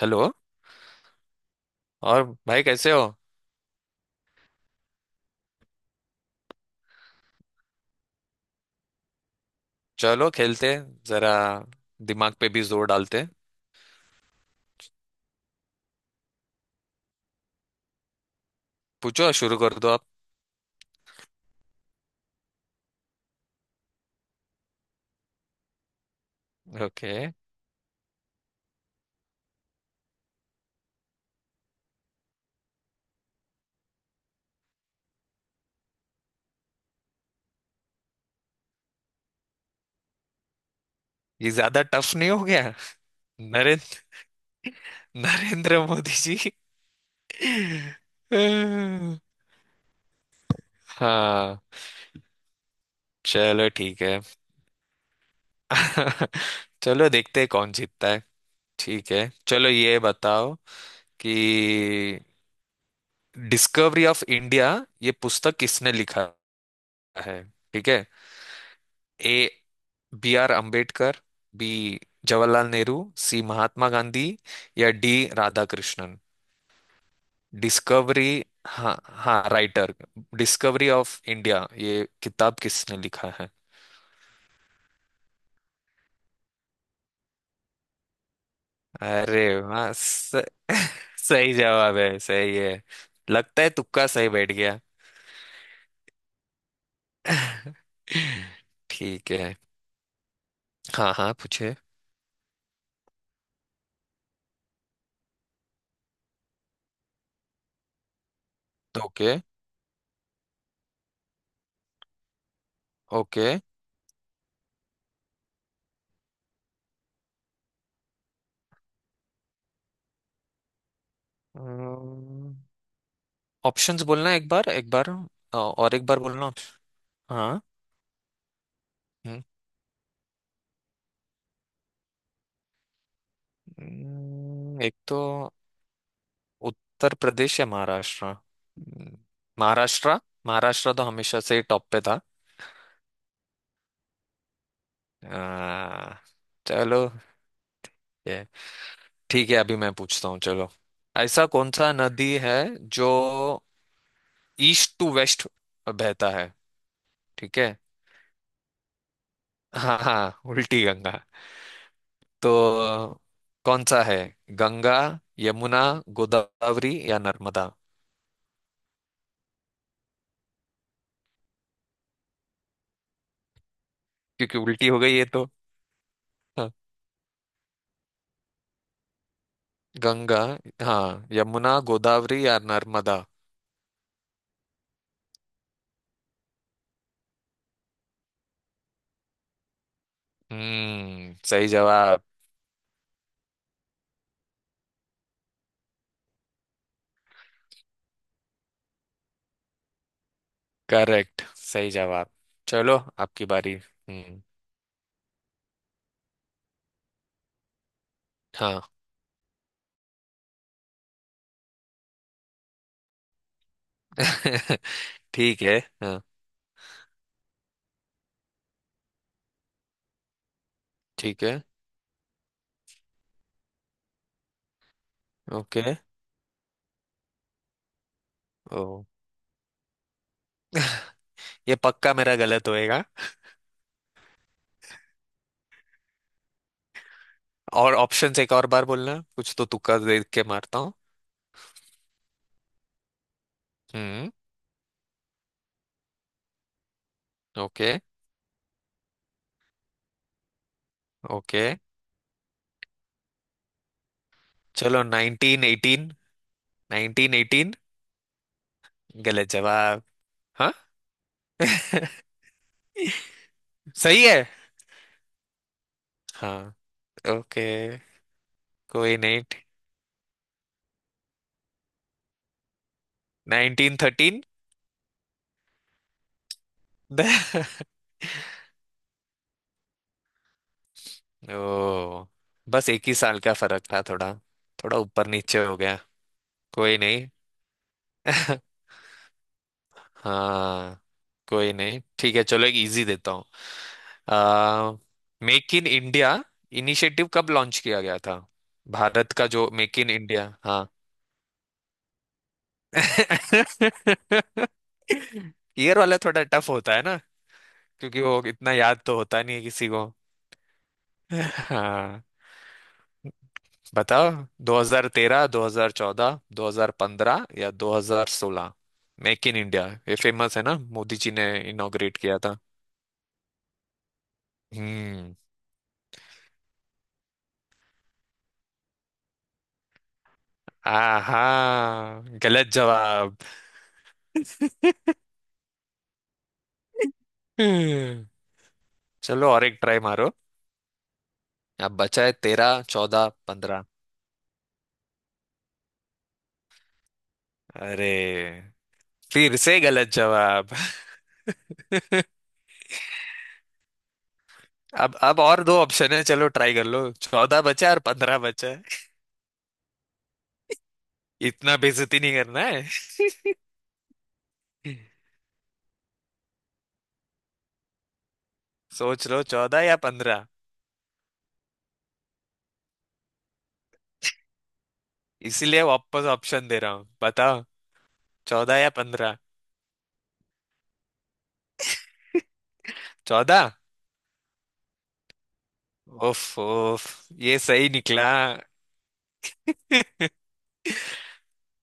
Hello. और भाई कैसे हो? चलो खेलते हैं, जरा दिमाग पे भी जोर डालते हैं। पूछो, शुरू कर दो आप। ओके। ये ज्यादा टफ नहीं हो गया? नरेंद्र नरेंद्र मोदी जी। हाँ, चलो ठीक है। चलो देखते हैं कौन जीतता है। ठीक है, चलो ये बताओ कि डिस्कवरी ऑफ इंडिया ये पुस्तक किसने लिखा है। ठीक है। A B R Ambedkar, B Jawaharlal Nehru, C Mahatma Gandhi या डी राधाकृष्णन। डिस्कवरी, हाँ। हाँ, राइटर। डिस्कवरी ऑफ इंडिया ये किताब किसने लिखा है? अरे वाह सही जवाब है, सही है। लगता है तुक्का सही बैठ गया। ठीक है। हाँ हाँ, पूछे। ओके। ओके, ऑप्शंस बोलना एक बार एक बार। और एक बार बोलना हाँ। हम्म, एक तो उत्तर प्रदेश या महाराष्ट्र। महाराष्ट्र। महाराष्ट्र तो हमेशा से टॉप पे था। आ, चलो ये ठीक है, अभी मैं पूछता हूँ। चलो, ऐसा कौन सा नदी है जो ईस्ट टू वेस्ट बहता है? ठीक है। हाँ हाँ, उल्टी गंगा तो। कौन सा है? गंगा, यमुना, गोदावरी या नर्मदा। क्योंकि उल्टी हो गई ये तो। हाँ। गंगा। हाँ, यमुना गोदावरी या नर्मदा। सही जवाब। करेक्ट, सही जवाब। चलो आपकी बारी। हम्म। हाँ। ठीक है। हाँ, ठीक है। ओके। ओ, ये पक्का मेरा गलत होएगा। और ऑप्शंस एक और बार बोलना, कुछ तो तुक्का देख के मारता हूँ। हम्म। ओके। ओके, चलो 1918। 1918। गलत जवाब? हाँ। सही है। हाँ। ओके, कोई नहीं। 1913। ओ, बस एक ही साल का फर्क था, थोड़ा। थोड़ा ऊपर नीचे हो गया। कोई नहीं। हाँ। कोई नहीं, ठीक है। चलो एक इजी देता हूँ। आ मेक इन इंडिया इनिशिएटिव कब लॉन्च किया गया था? भारत का जो मेक इन इंडिया। हाँ। ईयर वाला थोड़ा टफ होता है ना, क्योंकि वो इतना याद तो होता नहीं है किसी को। हाँ, बताओ। 2013, 2014, 2015 या 2016। मेक इन इंडिया ये फेमस है ना, मोदी जी ने इनॉग्रेट किया था। हम्म। आहा, गलत जवाब। हम्म, चलो और एक ट्राई मारो। अब बचा है 13, 14, 15। अरे, फिर से गलत जवाब। अब और दो ऑप्शन है, चलो ट्राई कर लो। चौदह बचा है और पंद्रह बचा है। इतना बेइज्जती नहीं करना है। सोच लो, चौदह या पंद्रह। इसीलिए वापस ऑप्शन दे रहा हूँ, बताओ। चौदह या पंद्रह। चौदह। उफ उफ, ये सही निकला।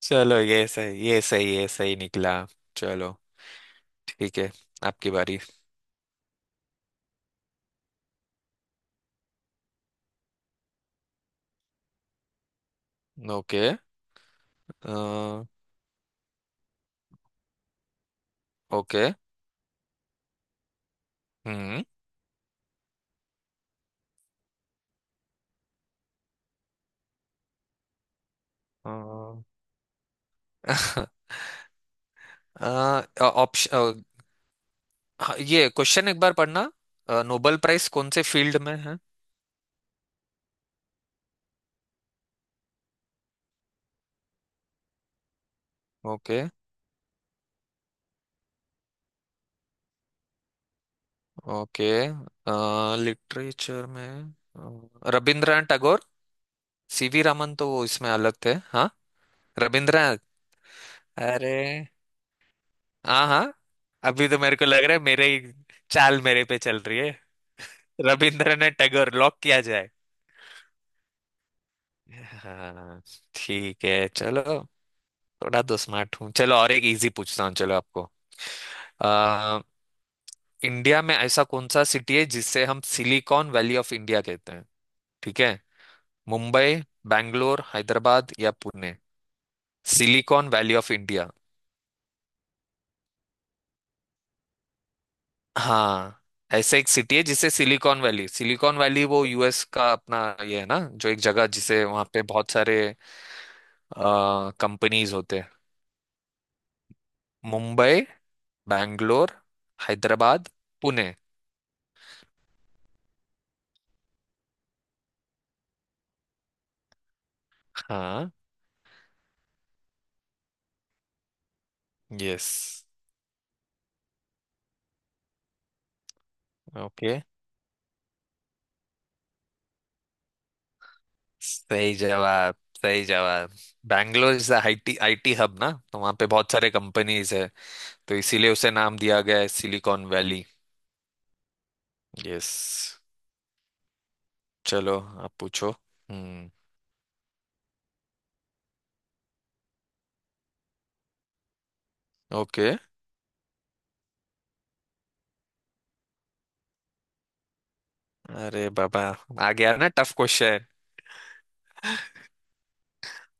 चलो, ये सही, ये सही, ये सही निकला। चलो ठीक है, आपकी बारी। Okay. Uh, okay. Hmm option. ये क्वेश्चन एक बार पढ़ना। नोबेल प्राइज कौन से फील्ड में है? ओके। ओके, लिटरेचर में। रविंद्रनाथ टैगोर। सीवी रामन तो वो इसमें अलग थे। हाँ, रविंद्रनाथ। अरे, हाँ हाँ। अभी तो मेरे को लग रहा है मेरे ही चाल मेरे पे चल रही है। रविंद्रनाथ टैगोर लॉक किया जाए। हाँ, ठीक है, चलो। थोड़ा तो स्मार्ट हूँ। चलो और एक इजी पूछता हूँ, चलो आपको। आ, इंडिया में ऐसा कौन सा सिटी है जिसे हम सिलिकॉन वैली ऑफ इंडिया कहते हैं? ठीक है। मुंबई, बैंगलोर, हैदराबाद या Pune. Silicon Valley of India. हाँ, ऐसे एक सिटी है जिसे सिलिकॉन वैली। सिलिकॉन वैली वो यूएस का अपना ये है ना, जो एक जगह जिसे वहाँ पे बहुत सारे कंपनीज होते हैं। मुंबई, बैंगलोर, हैदराबाद, पुणे। हाँ। यस। ओके, सही जवाब। सही जवाब। Bangalore is IT IT hub ना, तो वहाँ पे बहुत सारे कंपनीज है। तो इसीलिए उसे नाम दिया गया है सिलिकॉन वैली। यस। चलो आप पूछो। हम्म। ओके। अरे बाबा, आ गया ना टफ क्वेश्चन।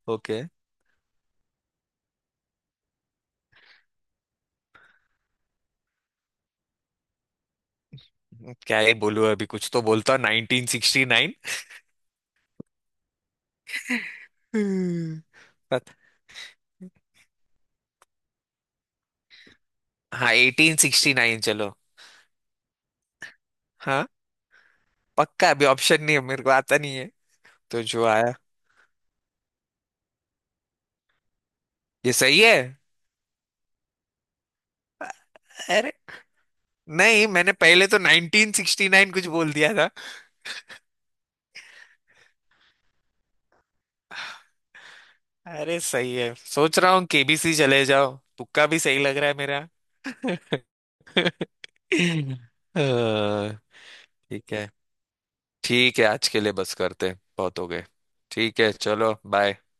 ओके। क्या ही बोलूं? अभी कुछ तो बोलता, 1969। हम्म, पत हाँ, 1869 चलो। हाँ, पक्का अभी ऑप्शन नहीं है मेरे को, आता नहीं है। तो जो आया ये सही है। अरे, नहीं मैंने पहले तो 1969 कुछ बोल दिया था। अरे सही है, सोच रहा हूँ केबीसी चले जाओ, तुक्का भी सही लग रहा है मेरा। अ, ठीक है। ठीक है, आज के लिए बस करते हैं, बहुत हो गए। ठीक है, चलो बाय।